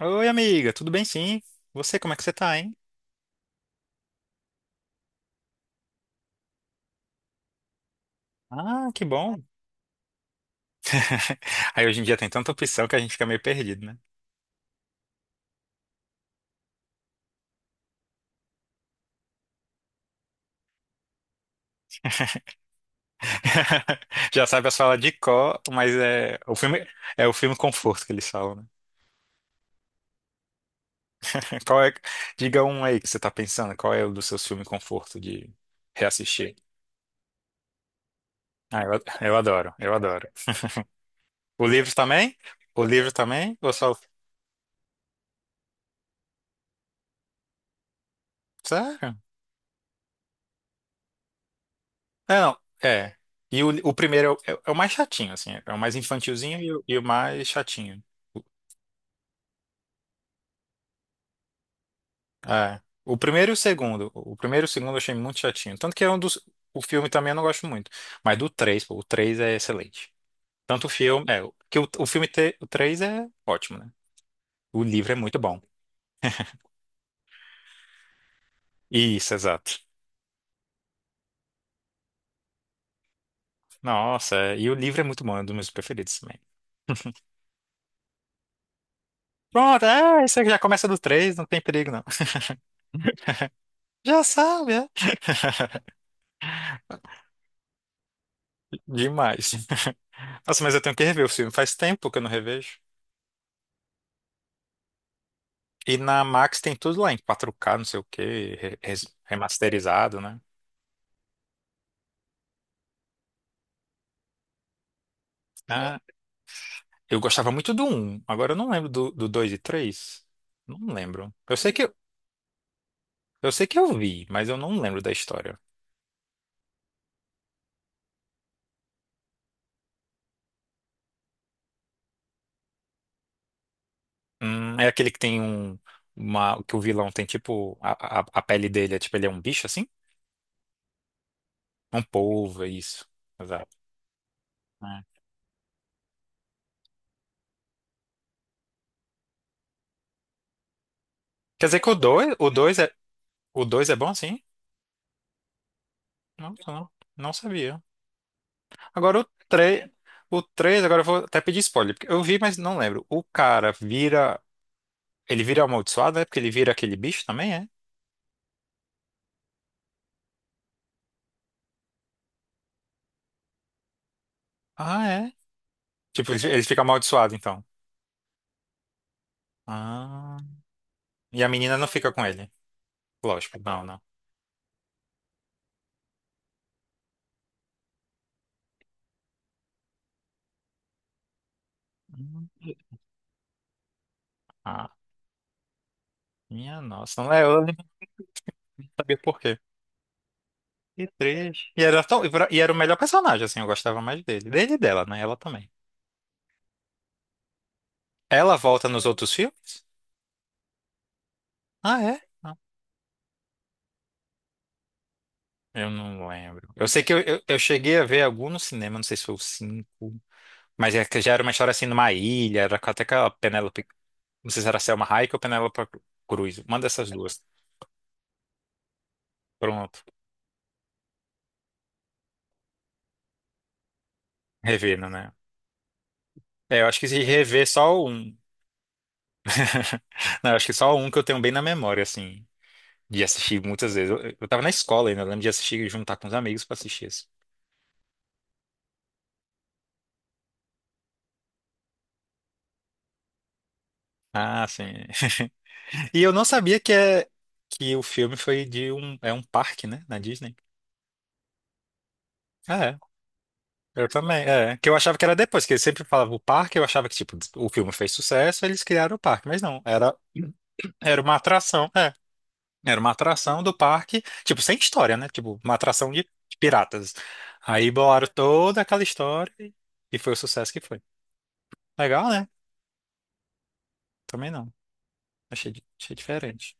Oi, amiga, tudo bem sim? Você, como é que você tá, hein? Ah, que bom. Aí hoje em dia tem tanta opção que a gente fica meio perdido, né? Já sabe as falas de cor, mas é o filme conforto que eles falam, né? Qual é, diga um aí que você tá pensando, qual é o dos seus filmes conforto de reassistir? Ah, eu adoro. O livro também? O livro também? Ou só... Sério? É, não, é. E o primeiro é, o é é o mais chatinho, assim. É o mais infantilzinho e o mais chatinho. O- É. O primeiro e o segundo. O primeiro e o segundo eu achei muito chatinho. Tanto que é um dos. O filme também eu não gosto muito. Mas do três, pô, o três é excelente. Tanto o filme. É, que o filme te, o três é ótimo, né? O livro é muito bom. Isso, exato. Nossa, é, e o livro é muito bom, é um dos meus preferidos também. Pronto, é, isso aí já começa do três, não tem perigo, não. Já sabe, é. Demais. Nossa, mas eu tenho que rever o filme. Faz tempo que eu não revejo. E na Max tem tudo lá em 4K, não sei o quê, re- res- remasterizado, né? Ah, eu gostava muito do um. Agora eu não lembro do 2 e três. Não lembro. Eu sei que eu sei que eu vi, mas eu não lembro da história. É aquele que tem um. Uma, que o vilão tem tipo. A pele dele é tipo, ele é um bicho assim? Um polvo, é isso. Exato. É. Quer dizer que o dois é, o 2 é bom assim? Não, não, não sabia. Agora o três agora eu vou até pedir spoiler, porque eu vi, mas não lembro. O cara vira, ele vira amaldiçoado, é? Porque ele vira aquele bicho também, é? Ah, é? Tipo, ele fica amaldiçoado, então. Ah, e a menina não fica com ele. Lógico, não, não. Hum. Ah, minha nossa, não é, eu nem sabia por quê. E três. E era tão, e era o melhor personagem, assim, eu gostava mais dele. Dele e dela, né? Ela também. Ela volta nos outros filmes? Ah, é? Ah. Eu não lembro. Eu sei que eu cheguei a ver algum no cinema, não sei se foi o 5. Mas é que já era uma história assim numa ilha, era com- até aquela Penélope. Não sei se era Selma Hayek ou Penélope Cruz. Uma dessas duas. Pronto. Revendo, né? É, eu acho que se rever só um. Não, eu acho que só um que eu tenho bem na memória, assim. De assistir muitas vezes. Eu tava na escola ainda, eu lembro de assistir, e juntar com os amigos pra assistir isso. Ah, sim. E eu não sabia que, é, que o filme foi de um. É um parque, né? Na Disney. Ah, é. Eu também, é. Que eu achava que era depois, que eles sempre falavam o parque, eu achava que, tipo, o filme fez sucesso, eles criaram o parque, mas não, era, era uma atração, é. Era uma atração do parque, tipo, sem história, né? Tipo, uma atração de piratas. Aí bolaram toda aquela história e foi o sucesso que foi. Legal, né? Também não. Achei, di- achei diferente.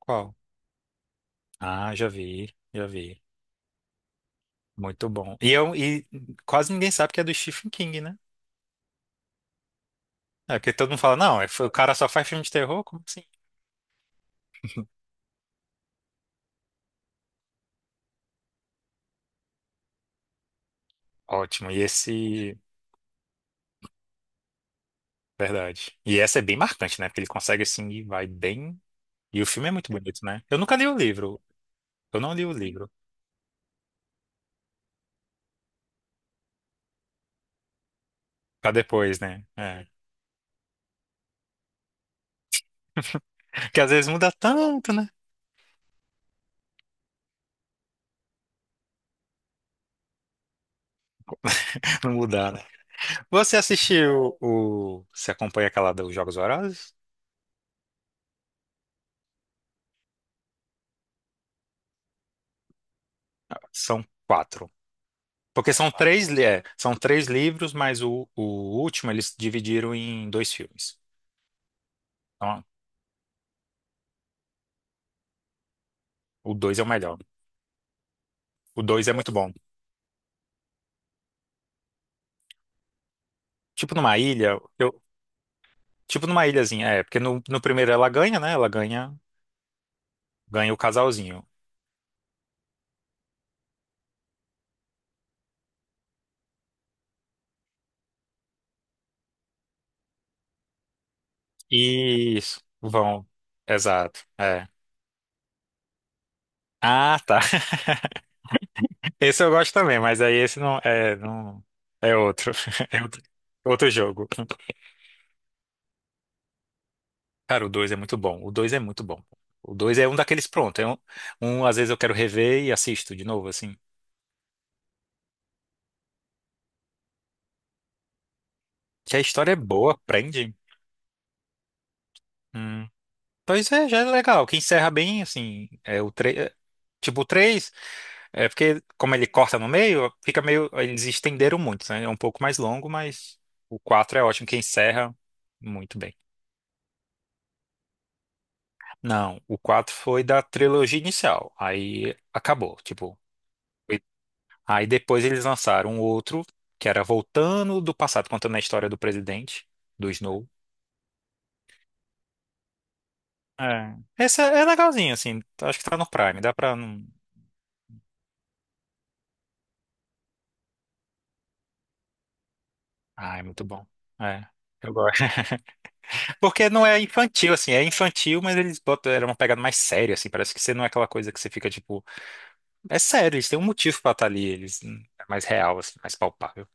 Qual? Ah, já vi, já vi. Muito bom. E, eu, e quase ninguém sabe que é do Stephen King, né? É, porque todo mundo fala, não, é- o cara só faz filme de terror? Como assim? Ótimo. E esse. Verdade. E essa é bem marcante, né? Porque ele consegue assim e vai bem. E o filme é muito bonito, né? Eu nunca li o livro. Eu não li o livro. Pra depois, né? É. Que às vezes muda tanto, né? Não mudar, né? Você assistiu o. Você acompanha aquela dos Jogos Vorazes? São quatro. Porque são três, li- é, são três livros, mas o último eles dividiram em dois filmes. Então, o dois é o melhor. O dois é muito bom. Tipo numa ilha. Eu, tipo numa ilhazinha, é. Porque no primeiro ela ganha, né? Ela ganha. Ganha o casalzinho. Isso. Vão. Exato. É. Ah, tá. Esse eu gosto também, mas aí esse não é, não é outro. É outro, outro jogo. Cara, o 2 é muito bom. O 2 é muito bom. O dois é um daqueles pronto. É um, um, às vezes eu quero rever e assisto de novo, assim. Que a história é boa, prende. Hum. Pois é, já é legal. Que encerra bem, assim. É o três. Tipo, o 3. É porque, como ele corta no meio, fica meio. Eles estenderam muito, né? É um pouco mais longo, mas o 4 é ótimo, que encerra muito bem. Não, o 4 foi da trilogia inicial. Aí acabou, tipo. Foi- Aí depois eles lançaram um outro, que era voltando do passado, contando a história do presidente, do Snow. É. Esse é legalzinho, assim. Acho que tá no Prime, dá pra. Não- Ah, é muito bom. É. Eu gosto. Porque não é infantil, assim, é infantil, mas eles botam, era uma pegada mais séria, assim, parece que você não é aquela coisa que você fica, tipo, é sério, eles têm um motivo pra estar ali, eles, é mais real, assim, mais palpável.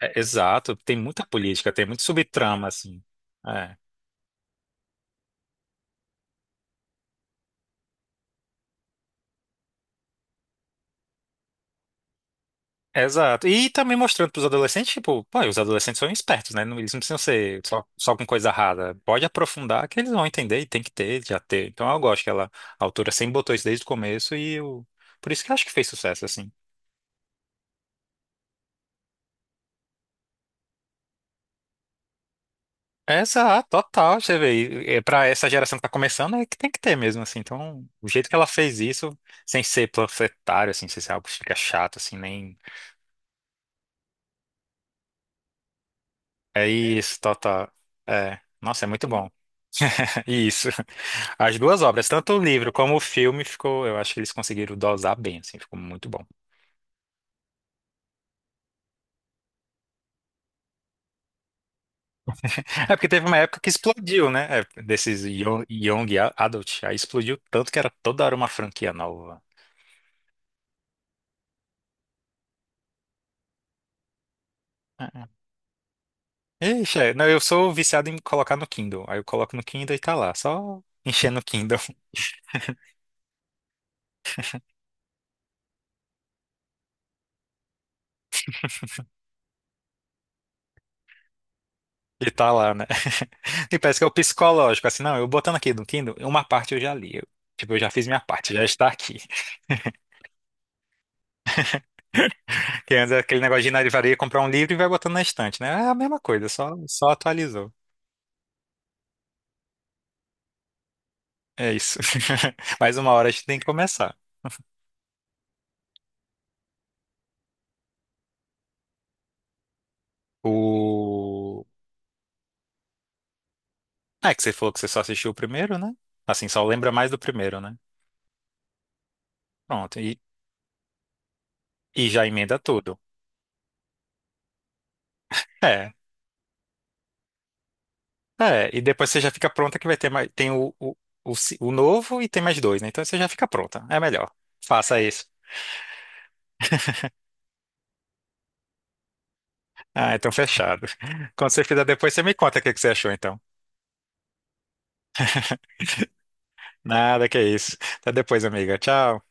É, exato, tem muita política, tem muito subtrama, assim, é. Exato. E também mostrando pros adolescentes, tipo, pô, os adolescentes são espertos, né? Não- Eles não precisam ser só, só com coisa rara. Pode aprofundar que eles vão entender e tem que ter, já ter. Então eu gosto que ela, a autora sempre botou isso desde o começo e eu, por isso que eu acho que fez sucesso, assim. Exato, total, você vê, para essa geração que tá começando, é que tem que ter mesmo, assim, então, o jeito que ela fez isso, sem ser panfletário, assim, sem ser algo que fica chato, assim, nem, é isso, total, é, nossa, é muito bom, isso, as duas obras, tanto o livro como o filme, ficou, eu acho que eles conseguiram dosar bem, assim, ficou muito bom, é porque teve uma época que explodiu, né, é, desses young adult, aí explodiu tanto que era toda hora uma franquia nova. É. Ixi, é. Não, eu sou viciado em colocar no Kindle. Aí eu coloco no Kindle e tá lá, só enchendo o Kindle e tá lá, né? E parece que é o psicológico, assim, não, eu botando aqui no Kindle, uma parte eu já li. Eu, tipo, eu já fiz minha parte, já está aqui. Que antes era aquele negócio de ir na livraria comprar um livro e vai botando na estante, né? É a mesma coisa, só, só atualizou. É isso. Mais uma hora a gente tem que começar. O... Ah, é que você falou que você só assistiu o primeiro, né? Assim, só lembra mais do primeiro, né? Pronto, e já emenda tudo. É. É, e depois você já fica pronta que vai ter mais, tem o, ci- o novo e tem mais dois, né? Então você já fica pronta. É melhor. Faça isso. Ah, então fechado. Quando você fizer depois, você me conta o que que você achou, então. Nada, que é isso. Até depois, amiga. Tchau.